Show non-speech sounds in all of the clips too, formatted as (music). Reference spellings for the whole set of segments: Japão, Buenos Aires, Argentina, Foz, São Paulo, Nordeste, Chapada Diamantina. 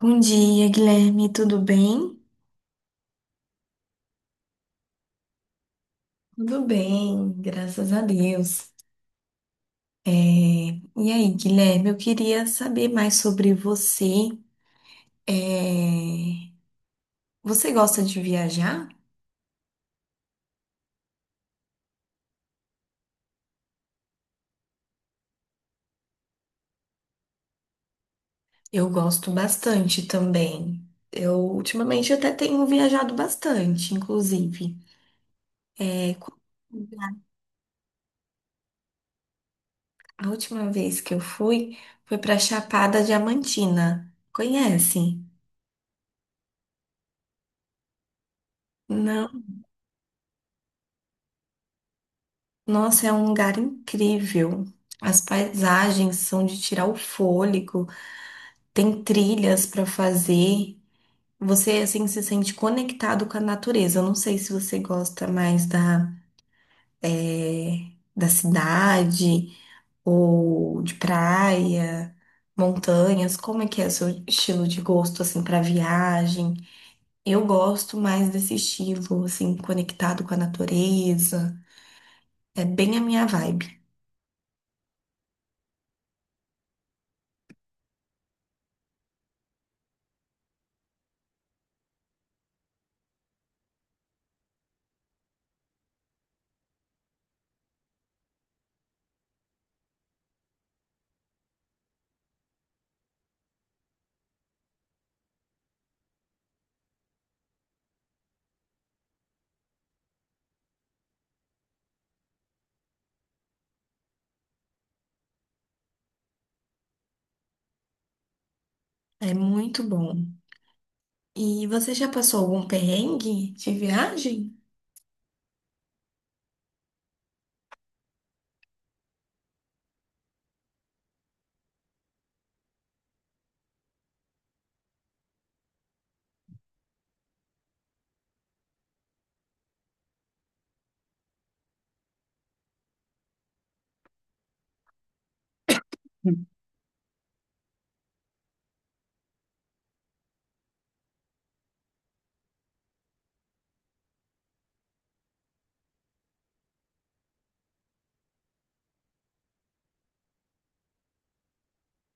Bom dia, Guilherme, tudo bem? Tudo bem, graças a Deus. E aí, Guilherme, eu queria saber mais sobre você. É, Você gosta de viajar? Eu gosto bastante também. Eu ultimamente até tenho viajado bastante, inclusive. É, qual A última vez que eu fui foi para Chapada Diamantina. Conhece? Não. Nossa, é um lugar incrível. As paisagens são de tirar o fôlego, tem trilhas para fazer. Você assim se sente conectado com a natureza. Eu não sei se você gosta mais da cidade ou de praia, montanhas. Como é que é o seu estilo de gosto assim para viagem? Eu gosto mais desse estilo assim conectado com a natureza. É bem a minha vibe. É muito bom. E você já passou algum perrengue de viagem?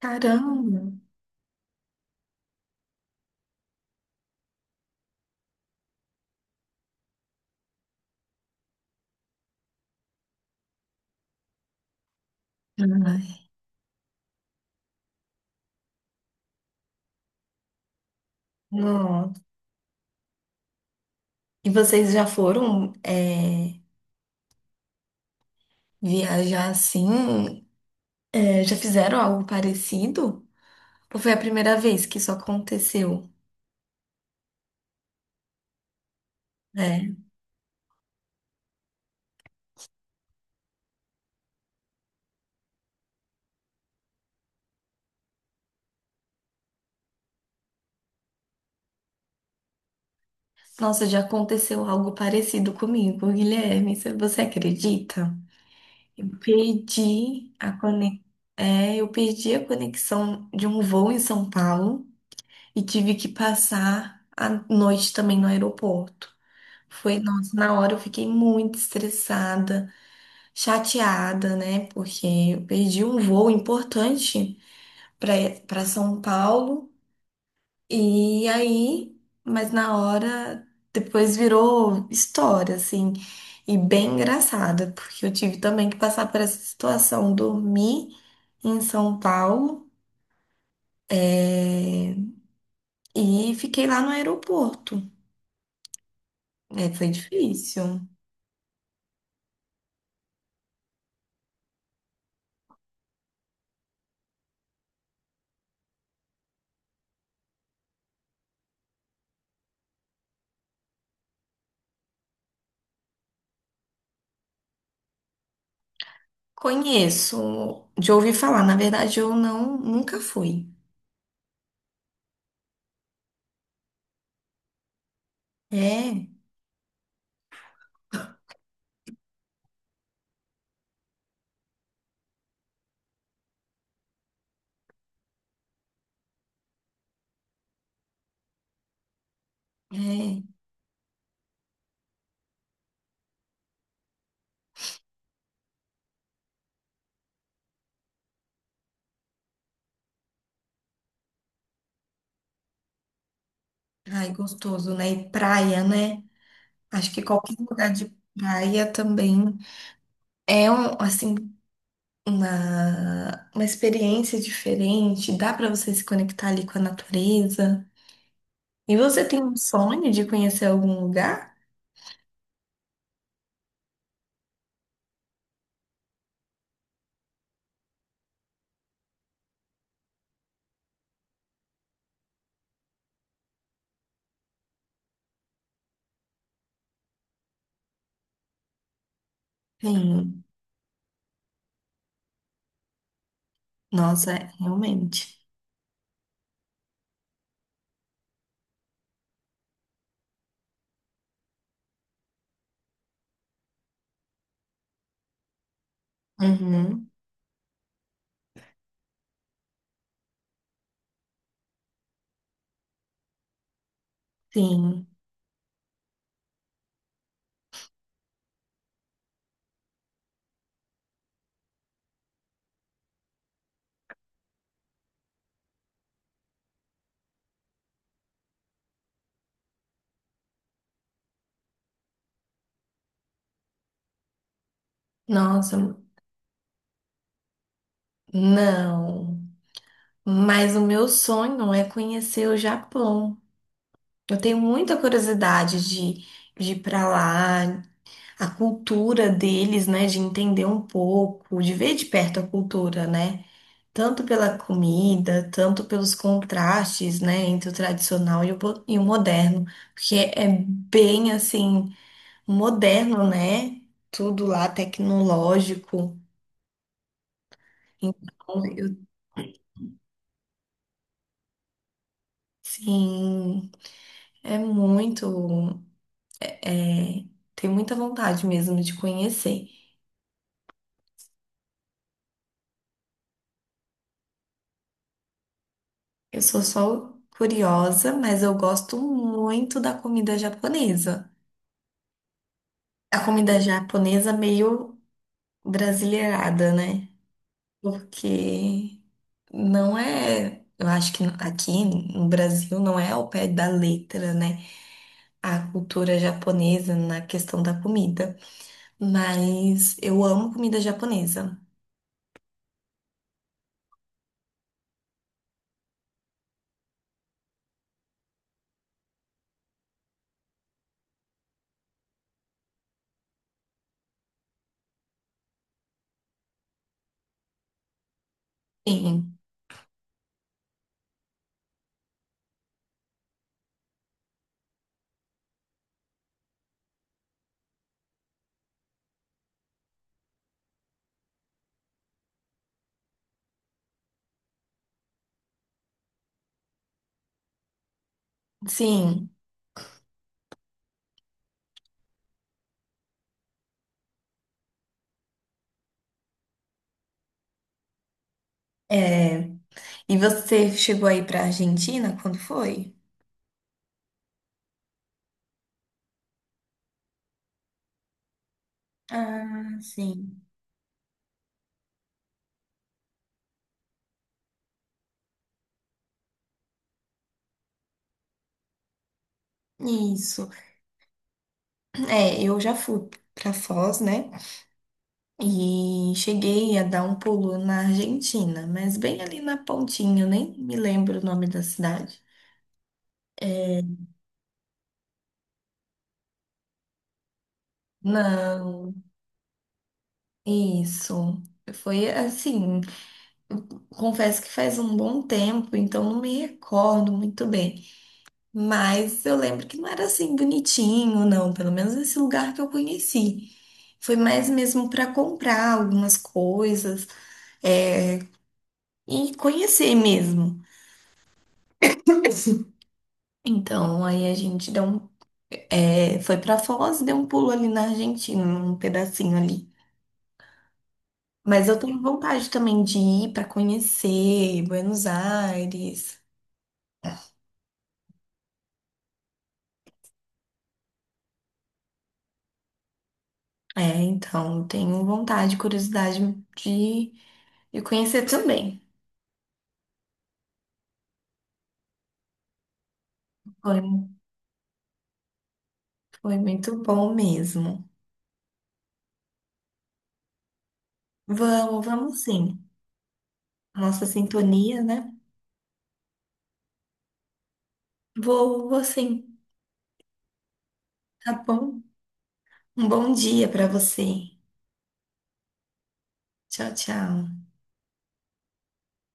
Caramba! Ai, não. E vocês já foram viajar assim? É, já fizeram algo parecido? Ou foi a primeira vez que isso aconteceu? É. Nossa, já aconteceu algo parecido comigo, Guilherme. Você acredita? Eu perdi a conex. É, eu perdi a conexão de um voo em São Paulo e tive que passar a noite também no aeroporto. Foi, nossa, na hora eu fiquei muito estressada, chateada, né? Porque eu perdi um voo importante para para São Paulo. E aí, mas na hora depois virou história, assim, e bem engraçada, porque eu tive também que passar por essa situação, dormi em São Paulo, eh, e fiquei lá no aeroporto. É, foi difícil. Conheço, de ouvir falar. Na verdade, eu não, nunca fui. É, é. Ai, gostoso, né? E praia, né? Acho que qualquer lugar de praia também é um, assim, uma experiência diferente. Dá para você se conectar ali com a natureza. E você tem um sonho de conhecer algum lugar? Sim. Nossa, realmente. Uhum. Sim. Nossa, não. Mas o meu sonho é conhecer o Japão. Eu tenho muita curiosidade de ir para lá, a cultura deles, né? De entender um pouco, de ver de perto a cultura, né? Tanto pela comida, tanto pelos contrastes, né? Entre o tradicional e e o moderno. Porque é bem assim, moderno, né? Tudo lá tecnológico. Então, eu sim, é muito. É, tenho muita vontade mesmo de conhecer. Eu sou só curiosa, mas eu gosto muito da comida japonesa. A comida japonesa meio brasileirada, né? Porque não é. Eu acho que aqui no Brasil não é ao pé da letra, né? A cultura japonesa na questão da comida. Mas eu amo comida japonesa. Sim, sim. É. E você chegou aí pra Argentina quando foi? Ah, sim. Isso. É, eu já fui pra Foz, né? E cheguei a dar um pulo na Argentina, mas bem ali na pontinha, eu nem me lembro o nome da cidade. Não, isso. Foi assim, confesso que faz um bom tempo, então não me recordo muito bem. Mas eu lembro que não era assim bonitinho, não. Pelo menos esse lugar que eu conheci. Foi mais mesmo para comprar algumas coisas, é, e conhecer mesmo. (laughs) Então, aí a gente deu um, é, foi para Foz, deu um pulo ali na Argentina, um pedacinho ali. Mas eu tenho vontade também de ir para conhecer Buenos Aires. É, então, tenho vontade, curiosidade de, de conhecer também. Foi muito bom mesmo. Vamos, vamos sim. Nossa sintonia, né? Vou, vou sim. Tá bom? Um bom dia para você. Tchau, tchau.